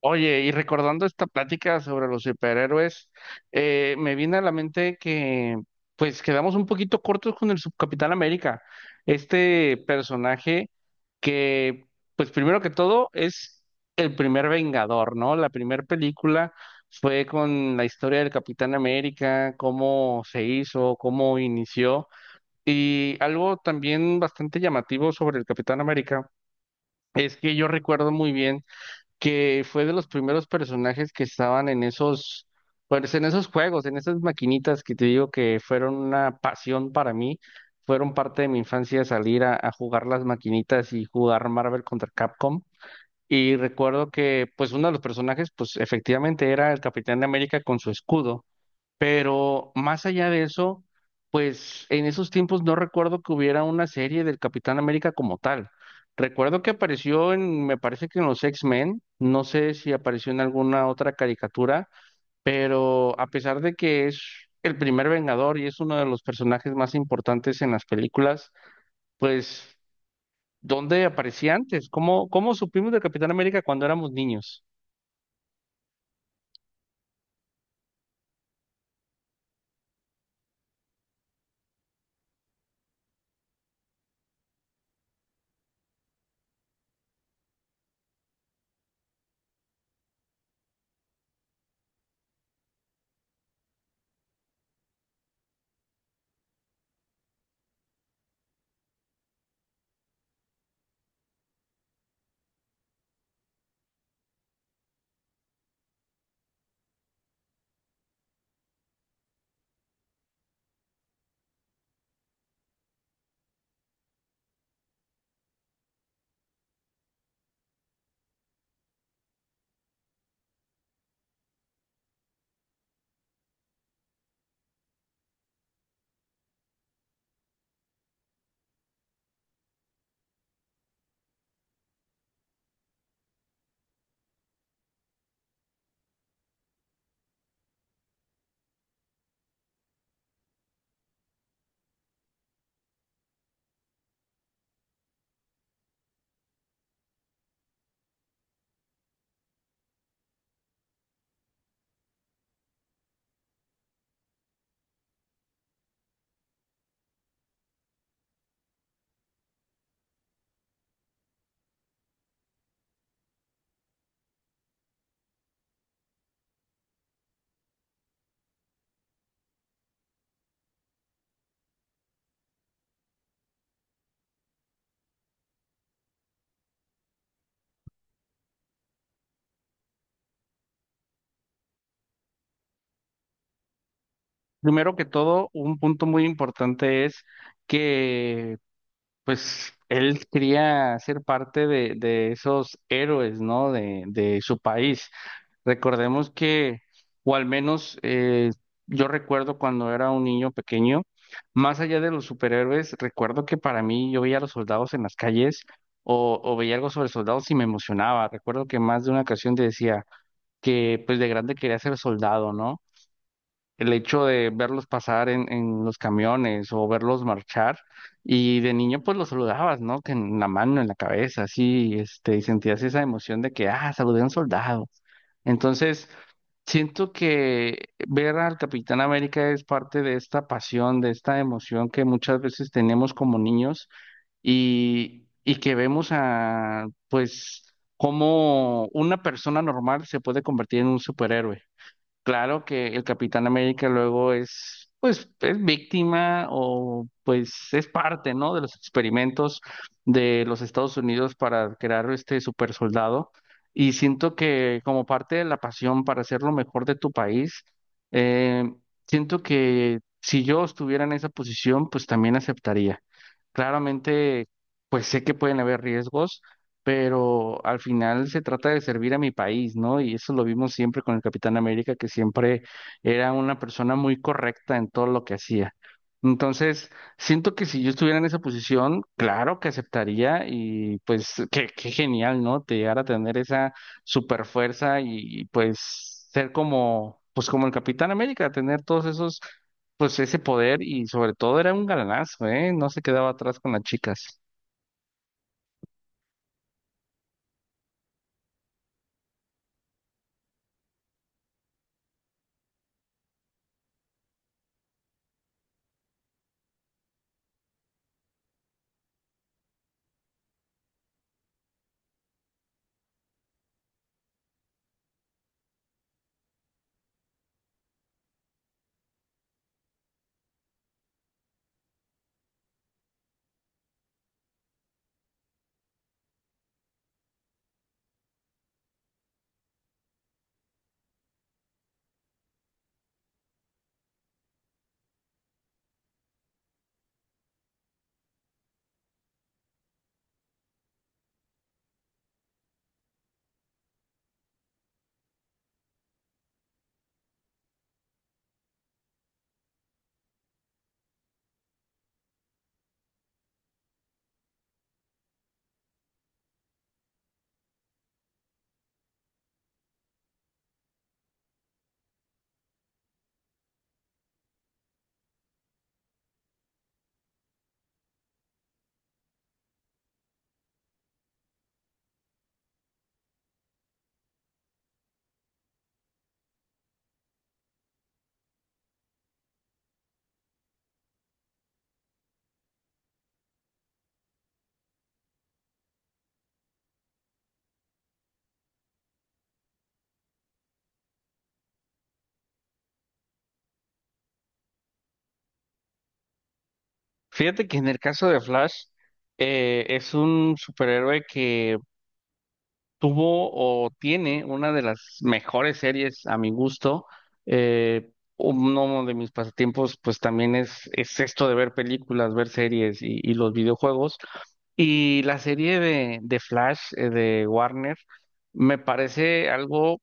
Oye, y recordando esta plática sobre los superhéroes, me viene a la mente que pues quedamos un poquito cortos con el Subcapitán América, este personaje que pues primero que todo es el primer Vengador, ¿no? La primera película fue con la historia del Capitán América, cómo se hizo, cómo inició, y algo también bastante llamativo sobre el Capitán América es que yo recuerdo muy bien que fue de los primeros personajes que estaban en esos, pues en esos juegos, en esas maquinitas que te digo que fueron una pasión para mí, fueron parte de mi infancia salir a jugar las maquinitas y jugar Marvel contra Capcom. Y recuerdo que pues uno de los personajes pues efectivamente era el Capitán de América con su escudo. Pero más allá de eso, pues en esos tiempos no recuerdo que hubiera una serie del Capitán América como tal. Recuerdo que apareció en, me parece que en los X-Men, no sé si apareció en alguna otra caricatura, pero a pesar de que es el primer Vengador y es uno de los personajes más importantes en las películas, pues ¿dónde aparecía antes? ¿Cómo supimos del Capitán América cuando éramos niños? Primero que todo, un punto muy importante es que pues él quería ser parte de esos héroes, ¿no? De su país. Recordemos que, o al menos yo recuerdo cuando era un niño pequeño, más allá de los superhéroes, recuerdo que para mí yo veía a los soldados en las calles o veía algo sobre soldados y me emocionaba. Recuerdo que más de una ocasión te decía que pues de grande quería ser soldado, ¿no? El hecho de verlos pasar en los camiones o verlos marchar. Y de niño pues los saludabas, ¿no? Que en la mano, en la cabeza, así, este, y sentías esa emoción de que, ah, saludé a un soldado. Entonces, siento que ver al Capitán América es parte de esta pasión, de esta emoción que muchas veces tenemos como niños y que vemos a, pues, cómo una persona normal se puede convertir en un superhéroe. Claro que el Capitán América luego es, pues, es víctima o pues es parte, ¿no? De los experimentos de los Estados Unidos para crear este super soldado. Y siento que como parte de la pasión para hacer lo mejor de tu país, eh, siento que si yo estuviera en esa posición, pues también aceptaría. Claramente, pues sé que pueden haber riesgos, pero al final se trata de servir a mi país, ¿no? Y eso lo vimos siempre con el Capitán América, que siempre era una persona muy correcta en todo lo que hacía. Entonces, siento que si yo estuviera en esa posición, claro que aceptaría y pues qué, qué genial, ¿no? Te llegar a tener esa super fuerza y pues ser como, pues como el Capitán América, tener todos esos pues ese poder, y sobre todo era un galanazo, ¿eh? No se quedaba atrás con las chicas. Fíjate que en el caso de Flash, es un superhéroe que tuvo o tiene una de las mejores series a mi gusto. Eh, Uno de mis pasatiempos pues también es esto de ver películas, ver series y los videojuegos. Y la serie de Flash de Warner me parece algo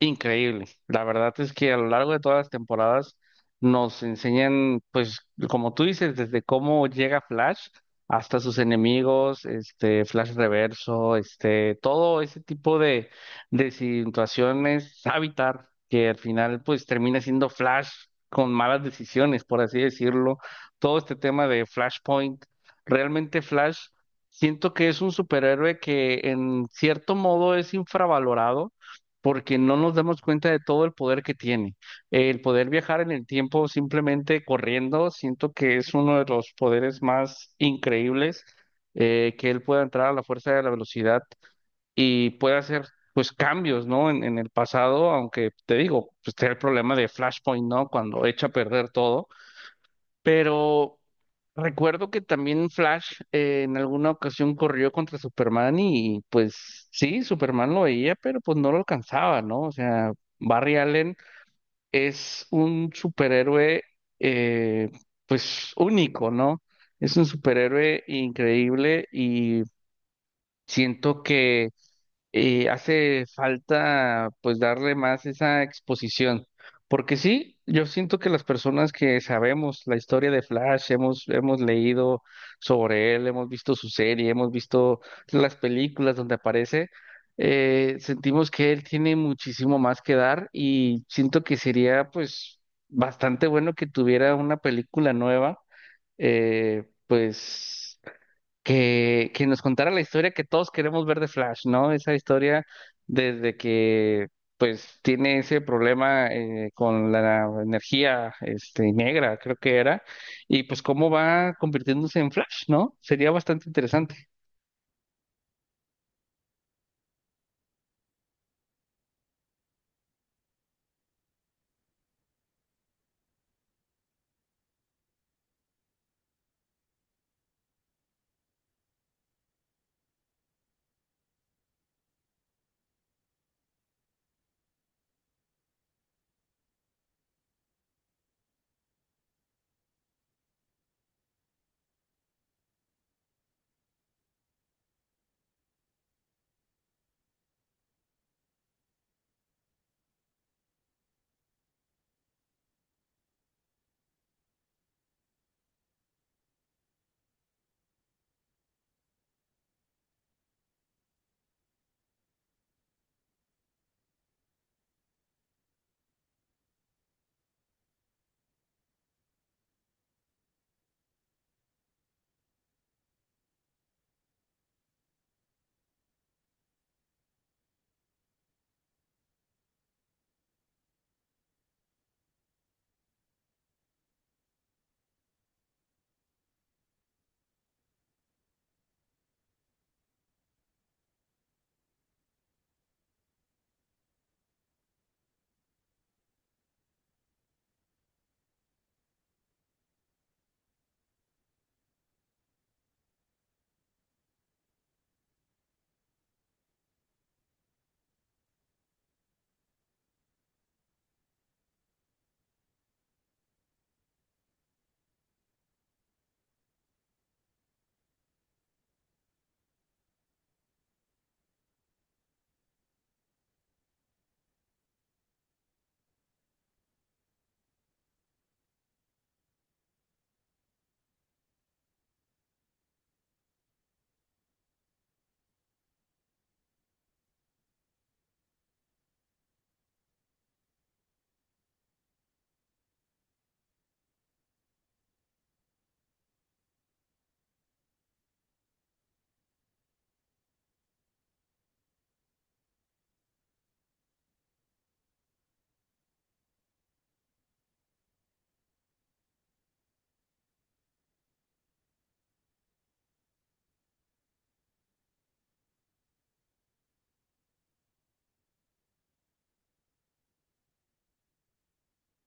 increíble. La verdad es que a lo largo de todas las temporadas nos enseñan, pues, como tú dices, desde cómo llega Flash hasta sus enemigos, este, Flash Reverso, este, todo ese tipo de situaciones, Savitar, que al final, pues, termina siendo Flash con malas decisiones, por así decirlo. Todo este tema de Flashpoint. Realmente Flash. Siento que es un superhéroe que en cierto modo es infravalorado porque no nos damos cuenta de todo el poder que tiene. El poder viajar en el tiempo simplemente corriendo, siento que es uno de los poderes más increíbles, que él pueda entrar a la fuerza de la velocidad y pueda hacer pues cambios, ¿no? En el pasado, aunque te digo, pues está el problema de Flashpoint, ¿no? Cuando echa a perder todo. Pero recuerdo que también Flash en alguna ocasión corrió contra Superman y pues sí, Superman lo veía, pero pues no lo alcanzaba, ¿no? O sea, Barry Allen es un superhéroe eh, pues único, ¿no? Es un superhéroe increíble, y siento que hace falta pues darle más esa exposición, porque sí, yo siento que las personas que sabemos la historia de Flash, hemos leído sobre él, hemos visto su serie, hemos visto las películas donde aparece, sentimos que él tiene muchísimo más que dar, y siento que sería pues bastante bueno que tuviera una película nueva, pues que nos contara la historia que todos queremos ver de Flash, ¿no? Esa historia desde que pues tiene ese problema con la energía este, negra, creo que era, y pues cómo va convirtiéndose en Flash, ¿no? Sería bastante interesante.